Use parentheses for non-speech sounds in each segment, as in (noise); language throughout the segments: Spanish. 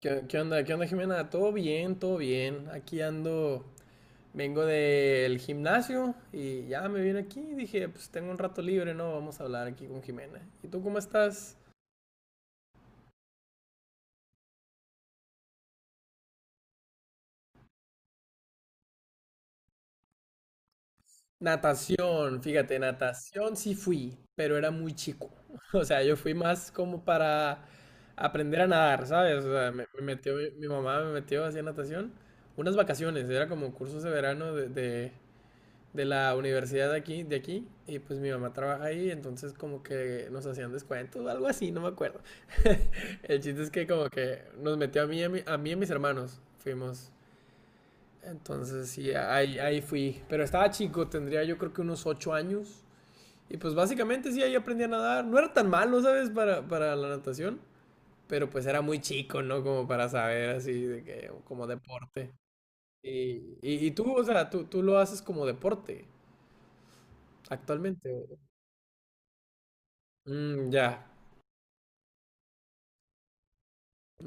¿Qué onda? ¿Qué onda, Jimena? Todo bien, todo bien. Aquí ando, vengo del gimnasio y ya me vine aquí. Dije, pues tengo un rato libre, ¿no? Vamos a hablar aquí con Jimena. ¿Y tú cómo estás? Natación, fíjate, natación sí fui, pero era muy chico. (laughs) O sea, yo fui más como para aprender a nadar, ¿sabes? O sea, me metió, mi mamá me metió hacia natación. Unas vacaciones, era como cursos de verano de de- la universidad de aquí, y pues mi mamá trabaja ahí, entonces como que nos hacían descuentos, o algo así, no me acuerdo. (laughs) El chiste es que como que nos metió a mí, a mí y a mis hermanos, fuimos. Entonces sí, ahí, ahí fui. Pero estaba chico, tendría yo creo que unos 8 años. Y pues básicamente sí, ahí aprendí a nadar. No era tan malo, ¿sabes? Para la natación. Pero pues era muy chico, ¿no? Como para saber así, de que, como deporte. Y tú, o sea, tú lo haces como deporte actualmente. Mm, ya,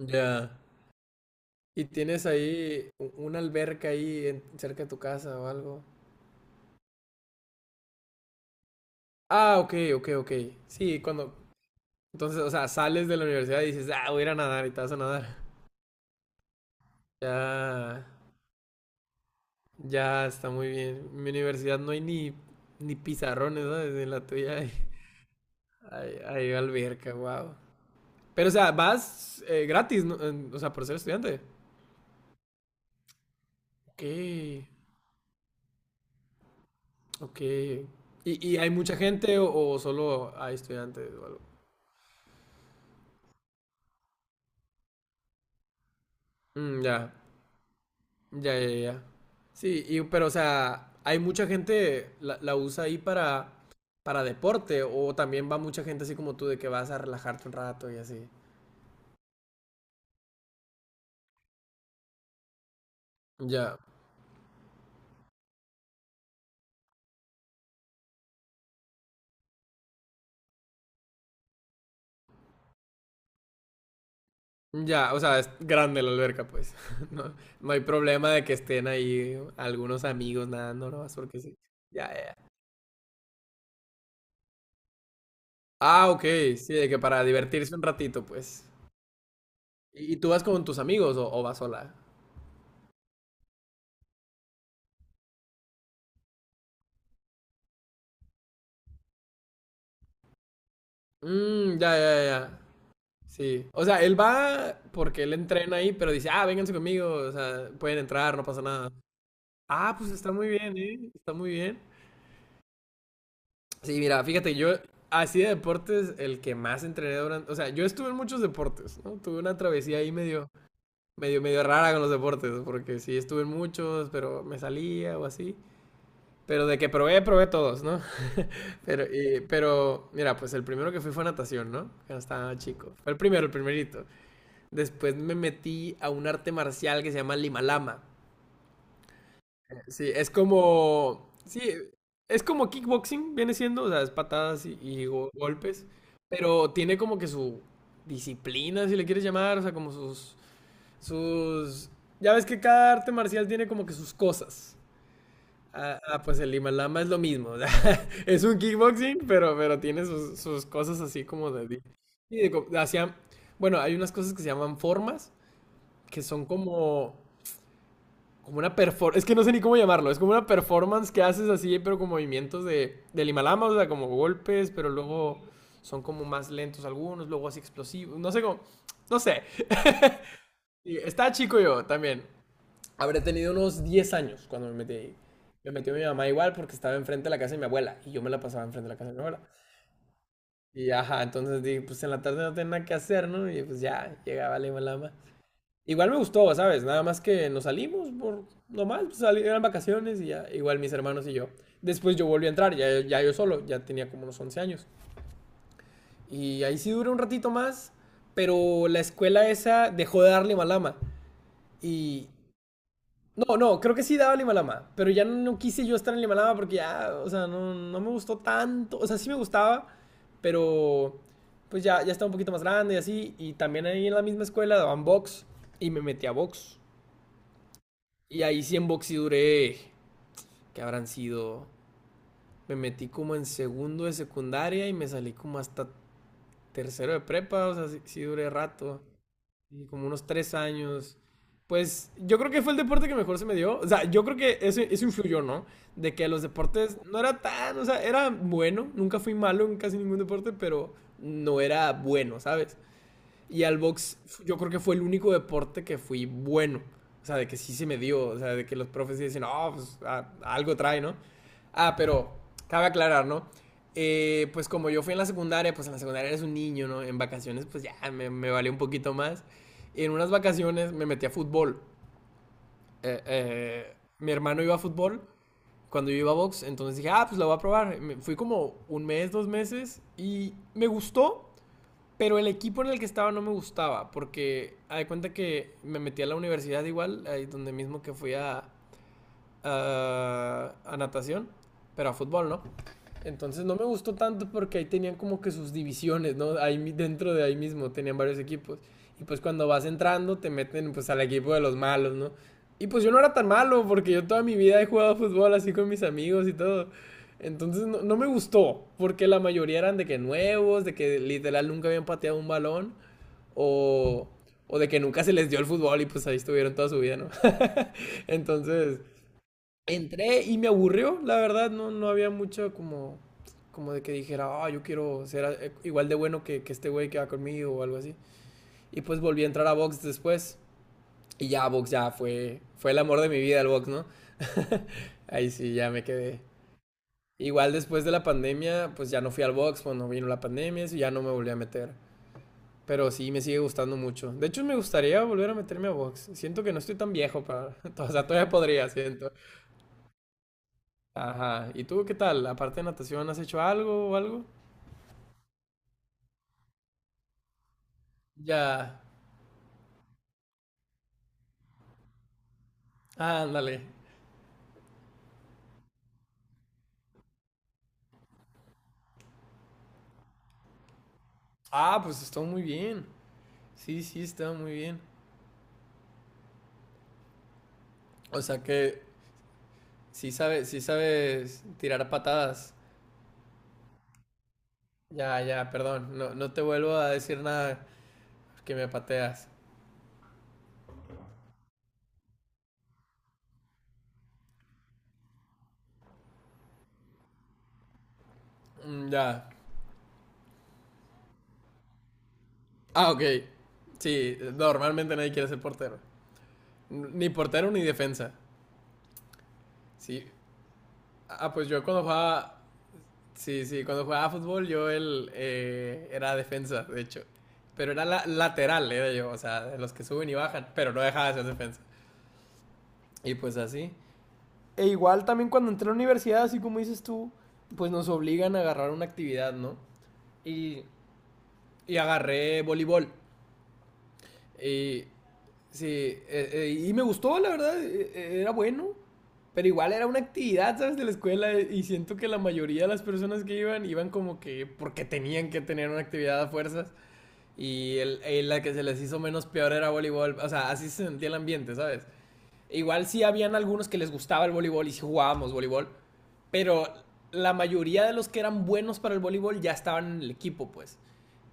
ya. ¿Y tienes ahí una alberca ahí cerca de tu casa o algo? Ah, ok, ok, ok. Sí, cuando... Entonces, o sea, sales de la universidad y dices, ah, voy a ir a nadar y te vas a nadar. (laughs) Ya, ya está muy bien. En mi universidad no hay ni pizarrones, ¿sabes? En la tuya hay, hay alberca, wow. Pero, o sea, vas gratis, ¿no? O sea, por ser estudiante. Ok, ok. ¿Y hay mucha gente o solo hay estudiantes o algo? Mm, ya, ya, ya, ya. Sí, y, pero o sea, hay mucha gente la usa ahí para deporte o también va mucha gente así como tú de que vas a relajarte un rato y así. Ya, ya, o sea, es grande la alberca, pues. (laughs) No, no hay problema de que estén ahí algunos amigos nadando, no, porque sí. Ya, ya. Ya. Ah, ok, sí, de que para divertirse un ratito, pues. ¿Y tú vas con tus amigos o vas sola? Mm, ya, ya, ya. Sí, o sea, él va porque él entrena ahí, pero dice, ah, vénganse conmigo, o sea, pueden entrar, no pasa nada. Ah, pues está muy bien, ¿eh? Está muy bien. Sí, mira, fíjate, yo así de deportes, el que más entrené durante, o sea, yo estuve en muchos deportes, ¿no? Tuve una travesía ahí medio, medio, medio rara con los deportes, porque sí estuve en muchos, pero me salía o así. Pero de que probé todos, ¿no? (laughs) Pero, pero, mira, pues el primero que fui fue natación, ¿no? Cuando estaba chico. Fue el primero, el primerito. Después me metí a un arte marcial que se llama Limalama. Sí, es como kickboxing, viene siendo, o sea, es patadas y golpes. Pero tiene como que su disciplina, si le quieres llamar, o sea, como sus. Sus. Ya ves que cada arte marcial tiene como que sus cosas. Pues el Limalama es lo mismo, o sea, (laughs) es un kickboxing, pero tiene sus cosas así y de co- hacia- bueno, hay unas cosas que se llaman formas, que son como una performance, es que no sé ni cómo llamarlo, es como una performance que haces así, pero con movimientos del Himalama, o sea, como golpes, pero luego son como más lentos algunos, luego así explosivos, no sé cómo, no sé. Y estaba chico yo también, habré tenido unos 10 años cuando me metí ahí. Me metió mi mamá igual porque estaba enfrente de la casa de mi abuela y yo me la pasaba enfrente de la casa de mi abuela. Y ajá, entonces dije, pues en la tarde no tenía nada que hacer, ¿no? Y pues ya, llegaba la Himalama. Igual me gustó, ¿sabes? Nada más que nos salimos por nomás, pues, eran vacaciones y ya, igual mis hermanos y yo. Después yo volví a entrar, ya, yo solo, ya tenía como unos 11 años. Y ahí sí duré un ratito más, pero la escuela esa dejó de dar Limalama. Y no, no, creo que sí daba Limalama, pero ya no quise yo estar en Limalama porque ya, o sea, no, no me gustó tanto. O sea, sí me gustaba, pero pues ya, estaba un poquito más grande y así. Y también ahí en la misma escuela daban box y me metí a box. Y ahí sí en boxy duré, que habrán sido, me metí como en segundo de secundaria y me salí como hasta tercero de prepa, o sea, sí duré rato, y como unos 3 años. Pues yo creo que fue el deporte que mejor se me dio. O sea, yo creo que eso influyó, ¿no? De que los deportes no era tan, o sea, era bueno, nunca fui malo en casi ningún deporte, pero no era bueno, ¿sabes? Y al box yo creo que fue el único deporte que fui bueno. O sea, de que sí se me dio. O sea, de que los profes dicen, oh, pues a algo trae, ¿no? Ah, pero cabe aclarar, ¿no? Pues como yo fui en la secundaria, pues en la secundaria eres un niño, ¿no? En vacaciones, pues ya me valió un poquito más. En unas vacaciones me metí a fútbol. Eh, eh, Mi hermano iba a fútbol cuando yo iba a box, entonces dije, ah, pues la voy a probar. Fui como un mes, 2 meses y me gustó, pero el equipo en el que estaba no me gustaba, porque haz de cuenta que me metí a la universidad igual, ahí donde mismo que fui a natación, pero a fútbol, ¿no? Entonces no me gustó tanto porque ahí tenían como que sus divisiones, ¿no? Ahí dentro de ahí mismo tenían varios equipos. Y pues cuando vas entrando te meten pues al equipo de los malos, ¿no? Y pues yo no era tan malo porque yo toda mi vida he jugado fútbol así con mis amigos y todo. Entonces no, no me gustó porque la mayoría eran de que nuevos, de que literal nunca habían pateado un balón o, o de que nunca se les dio el fútbol y pues ahí estuvieron toda su vida, ¿no? (laughs) Entonces entré y me aburrió, la verdad, no, no había mucho como, como de que dijera, ah, yo quiero ser igual de bueno que este güey que va conmigo o algo así. Y pues volví a entrar a box después y ya box ya fue, fue el amor de mi vida el box, ¿no? (laughs) Ahí sí, ya me quedé. Igual después de la pandemia, pues ya no fui al box, cuando vino la pandemia, eso ya no me volví a meter. Pero sí, me sigue gustando mucho. De hecho, me gustaría volver a meterme a box. Siento que no estoy tan viejo para... (laughs) O sea, todavía podría, siento. Ajá. ¿Y tú qué tal? Aparte de natación, ¿has hecho algo o algo? Ya. Ah, ándale. Ah, pues está muy bien. Sí, está muy bien. O sea que sí sabes tirar patadas. Ya, ya, perdón. No, no te vuelvo a decir nada que me pateas. Mm, ya. Ah, ok. Sí, normalmente nadie quiere ser portero. Ni portero ni defensa. Sí. Ah, pues yo cuando jugaba sí, cuando jugaba fútbol yo él era defensa, de hecho. Pero era lateral, era yo, o sea, de los que suben y bajan, pero no dejaba de ser defensa. Y pues así. E igual también cuando entré a la universidad, así como dices tú, pues nos obligan a agarrar una actividad, ¿no? Y, y agarré voleibol. Y sí, y me gustó, la verdad, era bueno. Pero igual era una actividad, ¿sabes? De la escuela y siento que la mayoría de las personas que iban iban como que porque tenían que tener una actividad a fuerzas. Y la que se les hizo menos peor era voleibol. O sea, así se sentía el ambiente, ¿sabes? Igual sí habían algunos que les gustaba el voleibol y sí jugábamos voleibol. Pero la mayoría de los que eran buenos para el voleibol ya estaban en el equipo, pues.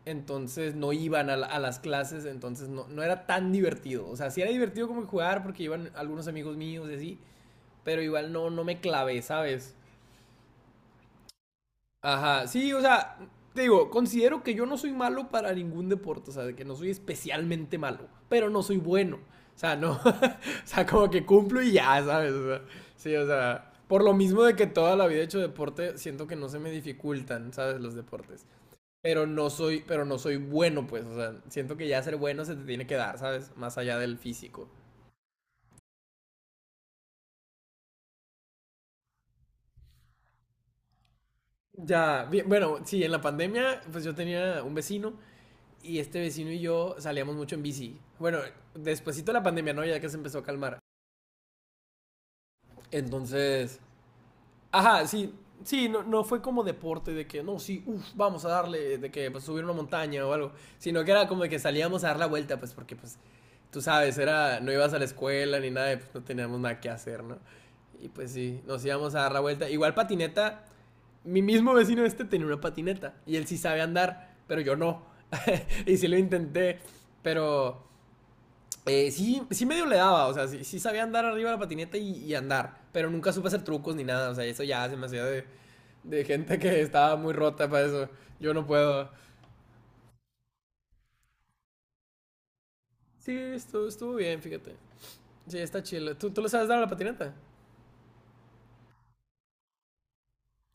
Entonces no iban a, a las clases, entonces no, no era tan divertido. O sea, sí era divertido como jugar porque iban algunos amigos míos y así. Pero igual no, no me clavé, ¿sabes? Ajá, sí, o sea, te digo, considero que yo no soy malo para ningún deporte, o sea, de que no soy especialmente malo, pero no soy bueno. O sea, no, (laughs) o sea, como que cumplo y ya, ¿sabes? O sea, sí, o sea, por lo mismo de que toda la vida he hecho deporte, siento que no se me dificultan, ¿sabes? Los deportes. Pero pero no soy bueno, pues, o sea, siento que ya ser bueno se te tiene que dar, ¿sabes? Más allá del físico. Ya, bien, bueno, sí, en la pandemia, pues yo tenía un vecino y este vecino y yo salíamos mucho en bici. Bueno, despuesito de la pandemia, ¿no? Ya que se empezó a calmar. Entonces, ajá, sí, sí, no, no fue como deporte de que, no, sí, uff, vamos a darle, de que pues, subir una montaña o algo, sino que era como de que salíamos a dar la vuelta, pues porque, pues, tú sabes, era, no ibas a la escuela ni nada, pues no teníamos nada que hacer, ¿no? Y pues sí, nos íbamos a dar la vuelta. Igual patineta, mi mismo vecino este tenía una patineta y él sí sabe andar, pero yo no. (laughs) Y sí lo intenté, pero sí, medio le daba, o sea, sí, sabía andar arriba de la patineta y andar, pero nunca supe hacer trucos ni nada, o sea, eso ya se me hacía de gente que estaba muy rota para eso. Yo no puedo. Sí, estuvo bien, fíjate. Sí, está chido. ¿Tú le sabes dar a la patineta?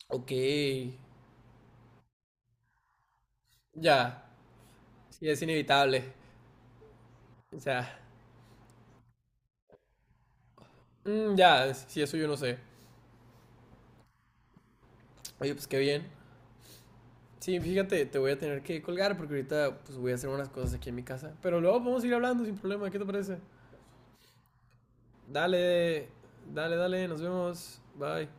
Ok. Ya. Sí, es inevitable. O sea, mm, ya, sí, eso yo no sé. Oye, pues qué bien. Sí, fíjate, te voy a tener que colgar porque ahorita pues voy a hacer unas cosas aquí en mi casa. Pero luego podemos ir hablando sin problema, ¿qué te parece? Dale, dale, dale, nos vemos. Bye.